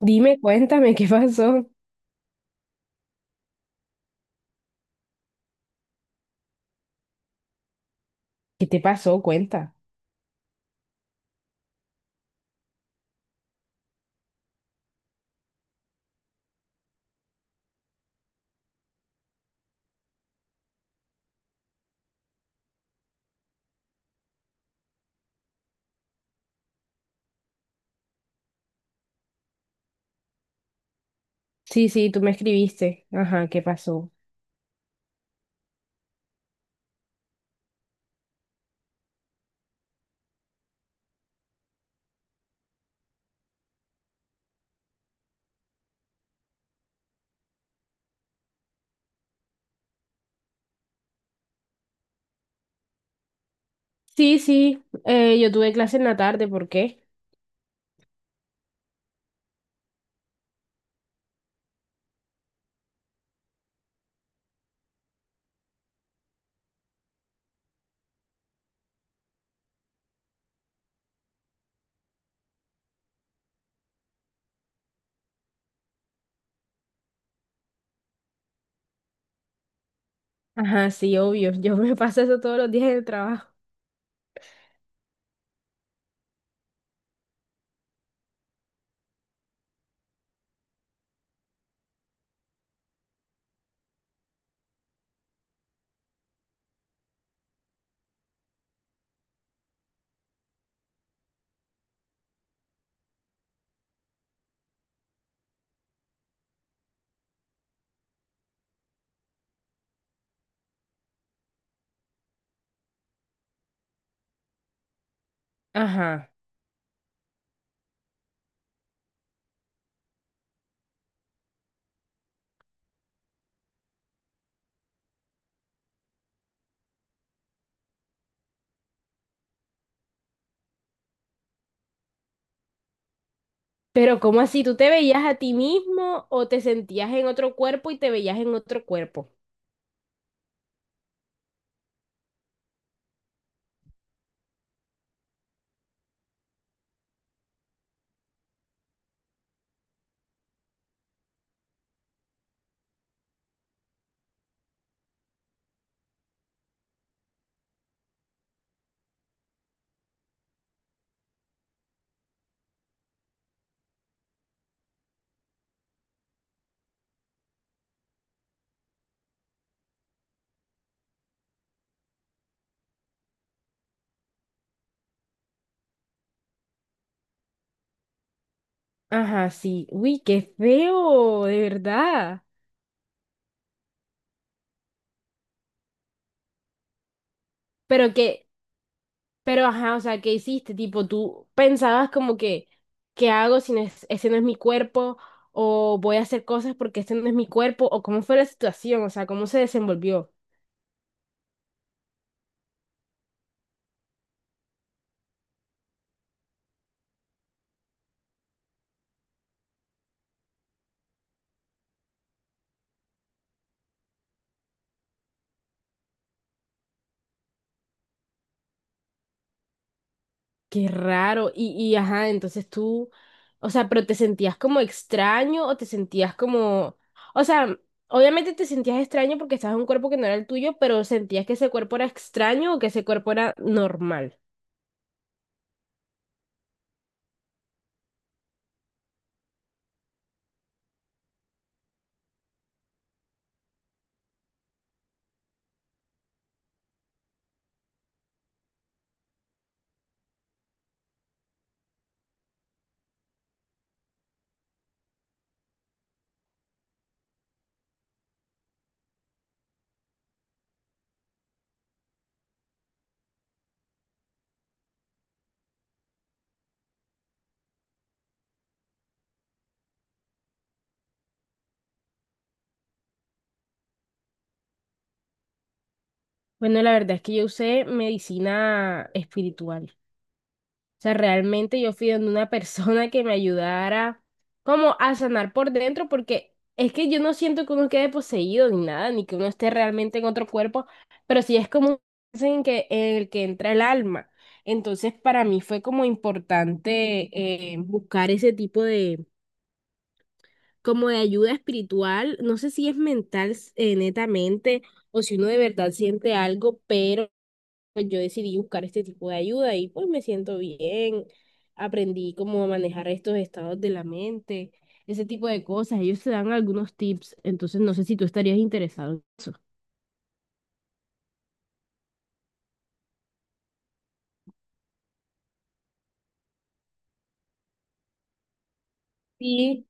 Dime, cuéntame, ¿qué pasó? ¿Qué te pasó? Cuenta. Sí, sí, tú me escribiste. Ajá, ¿qué pasó? Sí, sí, yo tuve clase en la tarde, ¿por qué? Ajá, sí, obvio, yo me paso eso todos los días en el trabajo. Ajá. Pero ¿cómo así? ¿Tú te veías a ti mismo o te sentías en otro cuerpo y te veías en otro cuerpo? Ajá, sí. Uy, qué feo, de verdad. Pero que, Pero, ajá, o sea, ¿qué hiciste? Tipo, tú pensabas como que, ¿qué hago si no es, ese no es mi cuerpo? ¿O voy a hacer cosas porque este no es mi cuerpo? ¿O cómo fue la situación? O sea, ¿cómo se desenvolvió? Qué raro. Ajá, entonces o sea, pero te sentías como extraño o o sea, obviamente te sentías extraño porque estabas en un cuerpo que no era el tuyo, pero sentías que ese cuerpo era extraño o que ese cuerpo era normal. Bueno, la verdad es que yo usé medicina espiritual. O sea, realmente yo fui donde una persona que me ayudara como a sanar por dentro, porque es que yo no siento que uno quede poseído ni nada, ni que uno esté realmente en otro cuerpo, pero sí es como un trance en el que entra el alma. Entonces, para mí fue como importante buscar ese tipo como de ayuda espiritual. No sé si es mental, netamente, o si uno de verdad siente algo, pero pues yo decidí buscar este tipo de ayuda y pues me siento bien. Aprendí cómo a manejar estos estados de la mente, ese tipo de cosas. Ellos te dan algunos tips, entonces no sé si tú estarías interesado. Sí,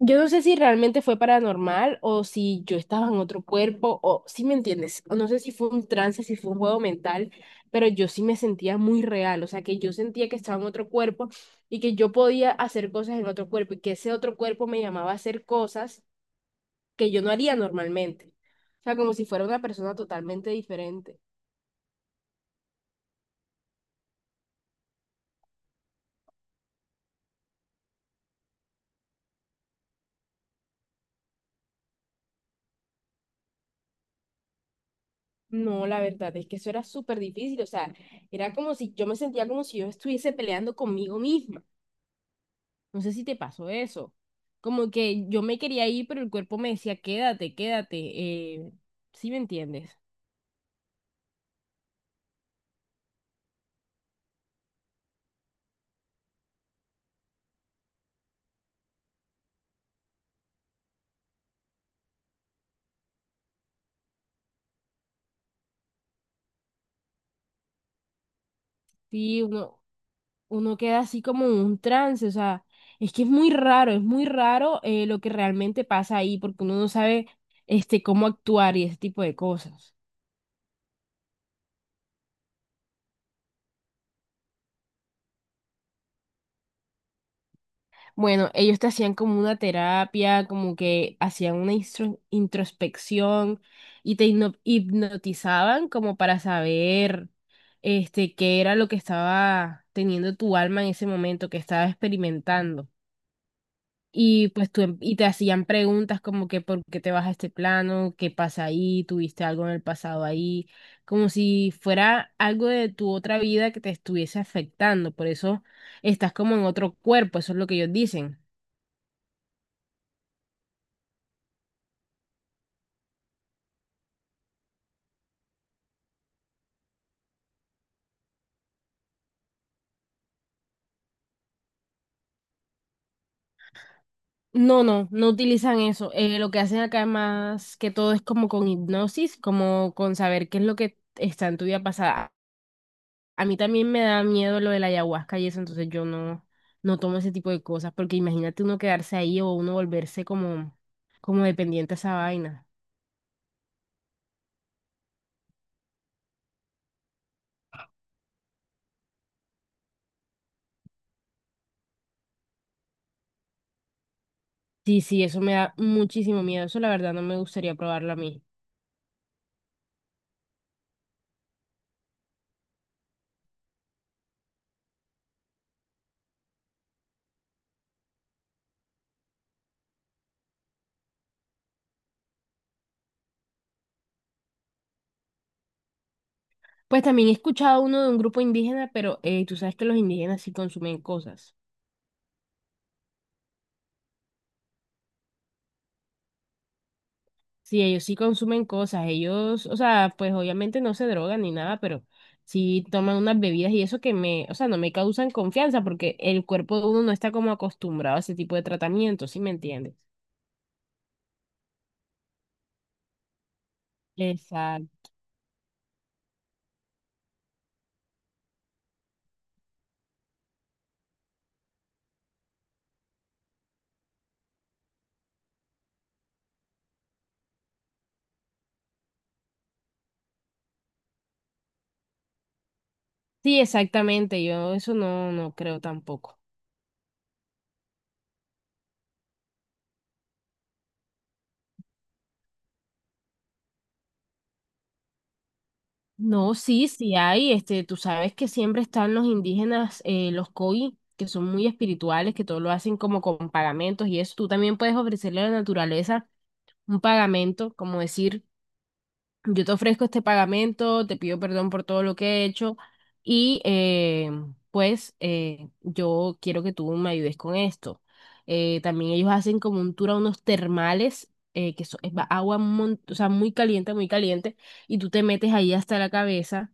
yo no sé si realmente fue paranormal o si yo estaba en otro cuerpo o si me entiendes, o no sé si fue un trance, si fue un juego mental, pero yo sí me sentía muy real, o sea que yo sentía que estaba en otro cuerpo y que yo podía hacer cosas en otro cuerpo y que ese otro cuerpo me llamaba a hacer cosas que yo no haría normalmente. O sea, como si fuera una persona totalmente diferente. No, la verdad es que eso era súper difícil. O sea, era como si yo me sentía como si yo estuviese peleando conmigo misma. No sé si te pasó eso. Como que yo me quería ir, pero el cuerpo me decía, quédate, quédate. Eh, ¿Sí me entiendes? Sí, uno queda así como en un trance. O sea, es que es muy raro lo que realmente pasa ahí, porque uno no sabe este, cómo actuar y ese tipo de cosas. Bueno, ellos te hacían como una terapia, como que hacían una introspección y te hipnotizaban como para saber este qué era lo que estaba teniendo tu alma en ese momento, que estaba experimentando. Y pues y te hacían preguntas como que por qué te vas a este plano, qué pasa ahí, tuviste algo en el pasado ahí, como si fuera algo de tu otra vida que te estuviese afectando, por eso estás como en otro cuerpo, eso es lo que ellos dicen. No, no, no utilizan eso. Lo que hacen acá más que todo es como con hipnosis, como con saber qué es lo que está en tu vida pasada. A mí también me da miedo lo de la ayahuasca y eso, entonces yo no, no tomo ese tipo de cosas, porque imagínate uno quedarse ahí o uno volverse como dependiente a esa vaina. Sí, sí, eso me da muchísimo miedo. Eso la verdad no me gustaría probarlo a mí. Pues también he escuchado uno de un grupo indígena, pero tú sabes que los indígenas sí consumen cosas. Sí, ellos sí consumen cosas, ellos, o sea, pues obviamente no se drogan ni nada, pero sí toman unas bebidas y o sea, no me causan confianza porque el cuerpo de uno no está como acostumbrado a ese tipo de tratamiento, ¿sí me entiendes? Exacto. Sí, exactamente, yo eso no, no creo tampoco. No, sí, sí hay, este, tú sabes que siempre están los indígenas, los koi, que son muy espirituales, que todo lo hacen como con pagamentos y eso, tú también puedes ofrecerle a la naturaleza un pagamento, como decir: Yo te ofrezco este pagamento, te pido perdón por todo lo que he hecho y pues yo quiero que tú me ayudes con esto. También ellos hacen como un tour a unos termales, que agua o sea, muy caliente, y tú te metes ahí hasta la cabeza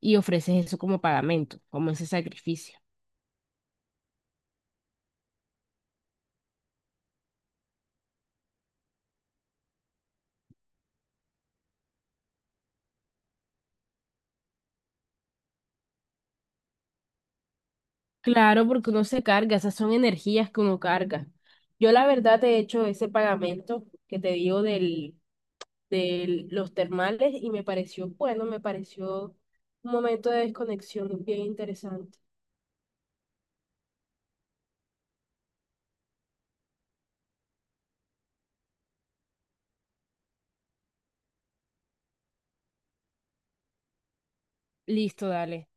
y ofreces eso como pagamento, como ese sacrificio. Claro, porque uno se carga, esas son energías que uno carga. Yo la verdad te he hecho ese pagamento que te digo del de los termales y me pareció bueno, me pareció un momento de desconexión bien interesante. Listo, dale.